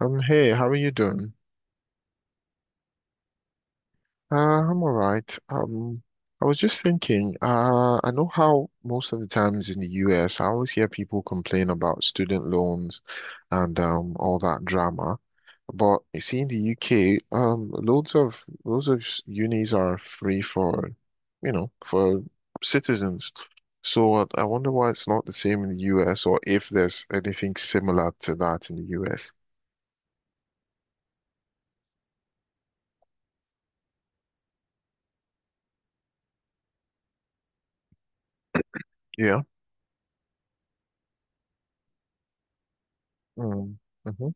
Hey, how are you doing? Uh, I'm all right. I was just thinking, I know how most of the times in the US, I always hear people complain about student loans and all that drama. But you see in the UK, loads of unis are free for, for citizens. So I wonder why it's not the same in the US or if there's anything similar to that in the US. Yeah. Mm. Hmm.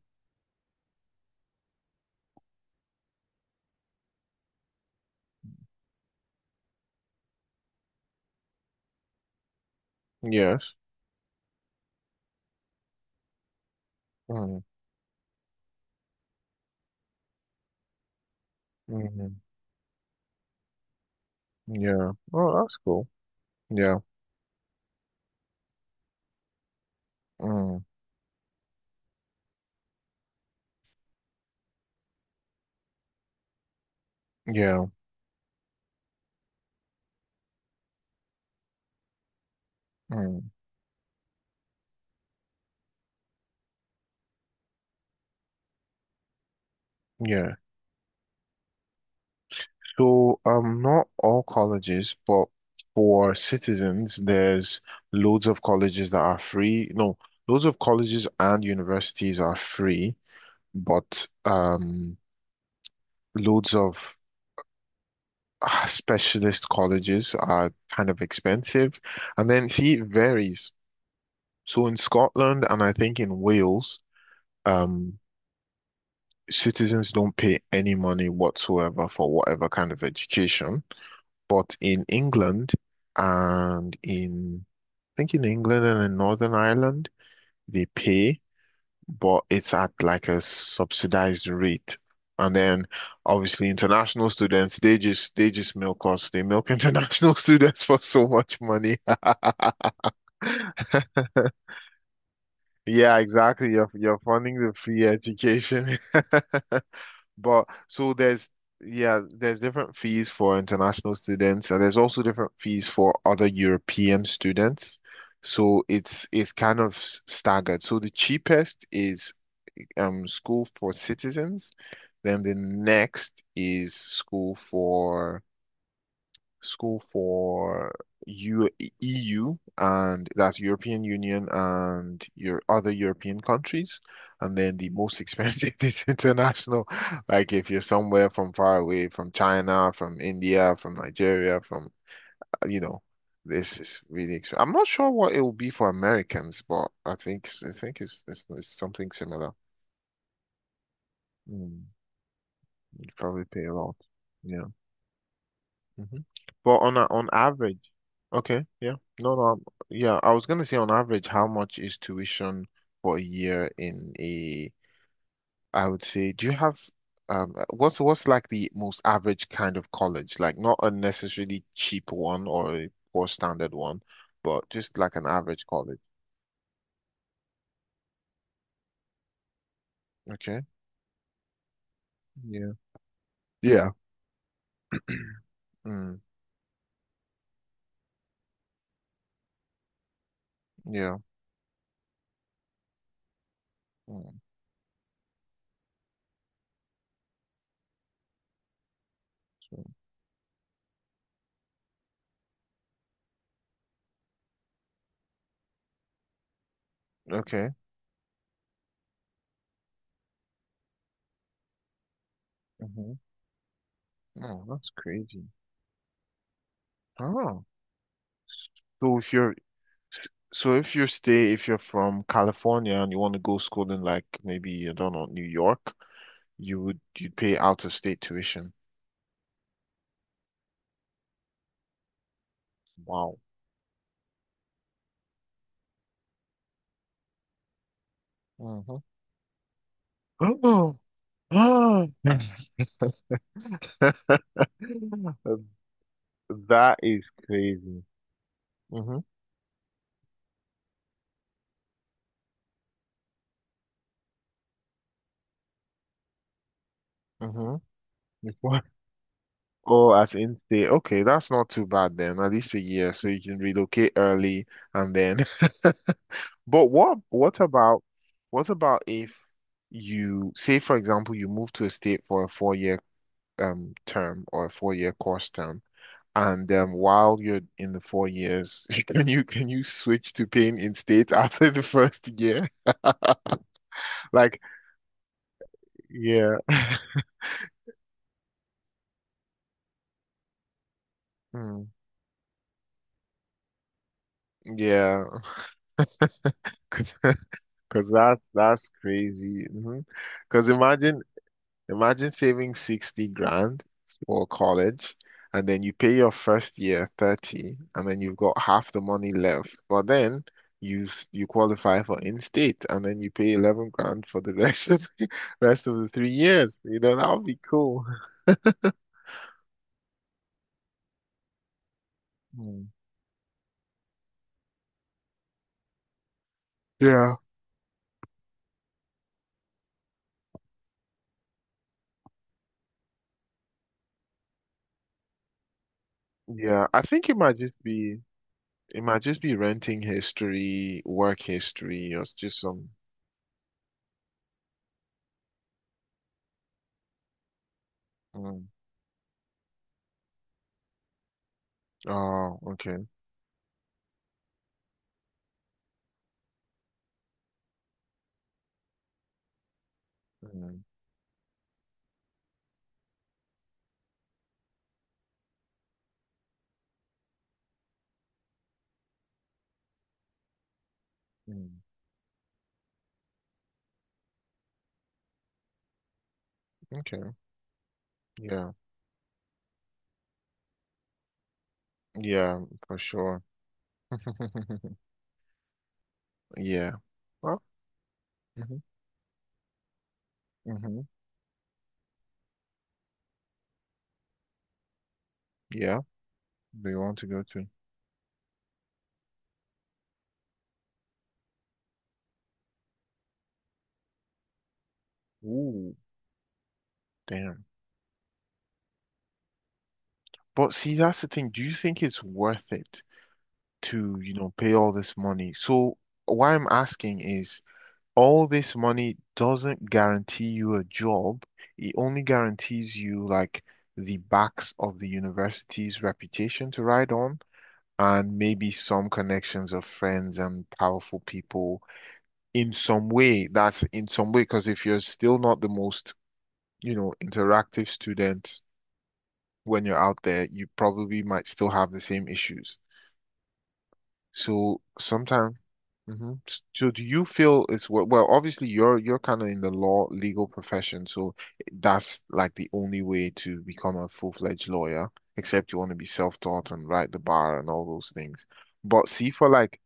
Yes. Mm. Mm, yeah. Oh, that's cool. Yeah. Mm, yeah. Mm, yeah. So, not all colleges, but for citizens, there's loads of colleges that are free. No, loads of colleges and universities are free, but loads of ah, specialist colleges are kind of expensive. And then, see, it varies. So in Scotland and I think in Wales, um, citizens don't pay any money whatsoever for whatever kind of education. But in England and in, Northern Ireland, they pay, but it's at like a subsidized rate. And then obviously international students, they just milk us. They milk international students for so much money. Yeah, exactly. You're funding the free education. But there's different fees for international students, and there's also different fees for other European students. So it's kind of staggered. So the cheapest is school for citizens, then the next is school for School for U EU, and that's European Union and your other European countries. And then the most expensive is international. Like if you're somewhere from far away, from China, from India, from Nigeria, from, you know, this is really expensive. I'm not sure what it will be for Americans, but I think it's something similar. Mm, you probably pay a lot. Yeah. Hmm. But on on average, okay, yeah. No, no. I'm- Yeah, I was gonna say on average, how much is tuition for a year in a, I would say, do you have what's like the most average kind of college? Like not a necessarily cheap one or a poor standard one, but just like an average college. Okay. Yeah. Yeah. Mm, yeah. Mm, okay. Hmm. Oh, that's crazy. Oh. So if you're So if you stay, if you're from California and you want to go school in like maybe, I don't know, New York, you'd pay out of state tuition. Wow. Hmm. Oh. That is crazy. Mm-hmm. Mm-hmm. Before Oh, as in state. Okay, that's not too bad then. At least a year, so you can relocate early and then But what about if you say, for example, you move to a state for a four-year term or a four-year course term, and while you're in the 4 years, can you switch to paying in state after the first year? Like, yeah, mm, yeah, because that's crazy. Because imagine Imagine saving 60 grand for college, and then you pay your first year 30, and then you've got half the money left. But then you you qualify for in-state, and then you pay 11 grand for the rest of the rest of the 3 years. You know, that would be cool. Hmm. Yeah. Yeah, I think it might just be it might just be renting history, work history, or just some. Mm. Oh, okay. Mm, mm. Okay. Yeah. Yeah, for sure. Yeah. Well, hmm, hmm, yeah, they want to go to. Ooh, damn. But see, that's the thing. Do you think it's worth it to, pay all this money? So why I'm asking is all this money doesn't guarantee you a job. It only guarantees you like the backs of the university's reputation to ride on and maybe some connections of friends and powerful people in some way. That's in some way, because if you're still not the most, interactive student when you're out there, you probably might still have the same issues. So sometimes, hmm, so do you feel it's well, obviously you're kind of in the law legal profession, so that's like the only way to become a full-fledged lawyer, except you want to be self-taught and write the bar and all those things. But see, for like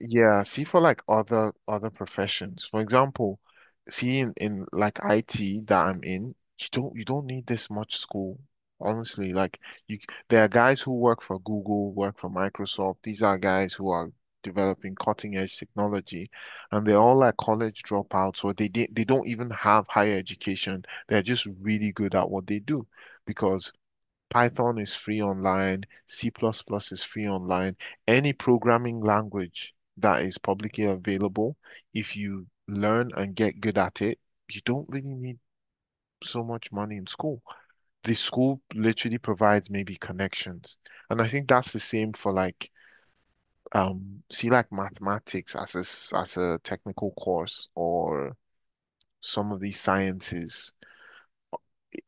Yeah, see for like other professions. For example, see in, like IT that I'm in, you don't need this much school. Honestly, like there are guys who work for Google, work for Microsoft. These are guys who are developing cutting edge technology and they're all like college dropouts or they don't even have higher education. They're just really good at what they do because Python is free online. C++ plus plus is free online. Any programming language that is publicly available, if you learn and get good at it, you don't really need so much money in school. The school literally provides maybe connections. And I think that's the same for like see like mathematics as a as a technical course or some of these sciences.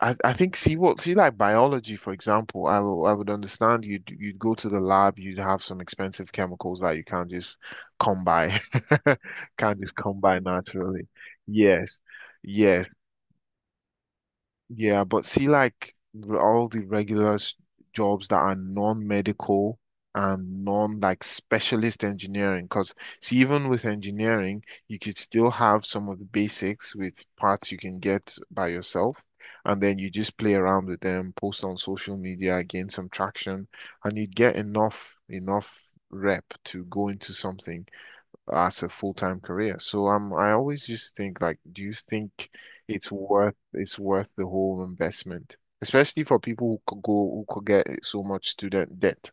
I think see like biology, for example, I would understand you'd go to the lab, you'd have some expensive chemicals that you can't just come by, can't just come by naturally. Yes, yes. Yeah, but see, like r- all the regular jobs that are non-medical and non like specialist engineering, because see, even with engineering, you could still have some of the basics with parts you can get by yourself, and then you just play around with them, post on social media, gain some traction, and you'd get enough rep to go into something as a full-time career. So I always just think like, do you think it's worth the whole investment, especially for people who could go who could get so much student debt?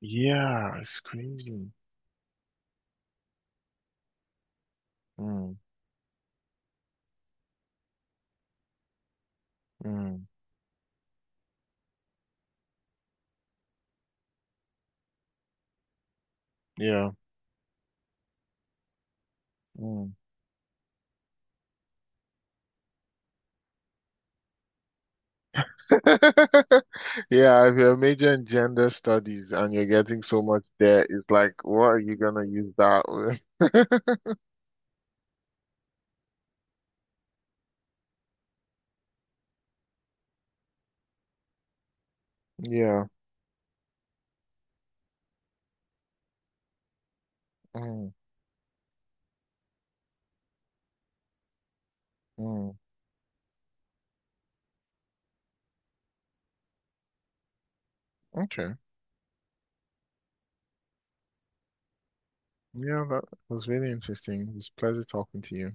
Yeah, it's crazy. Mm, mm, yeah. Mm. Yeah, if you're majoring in gender studies and you're getting so much debt, it's like, what are you gonna use that with? Yeah. Mm, mm. Okay. Yeah, that was really interesting. It was a pleasure talking to you.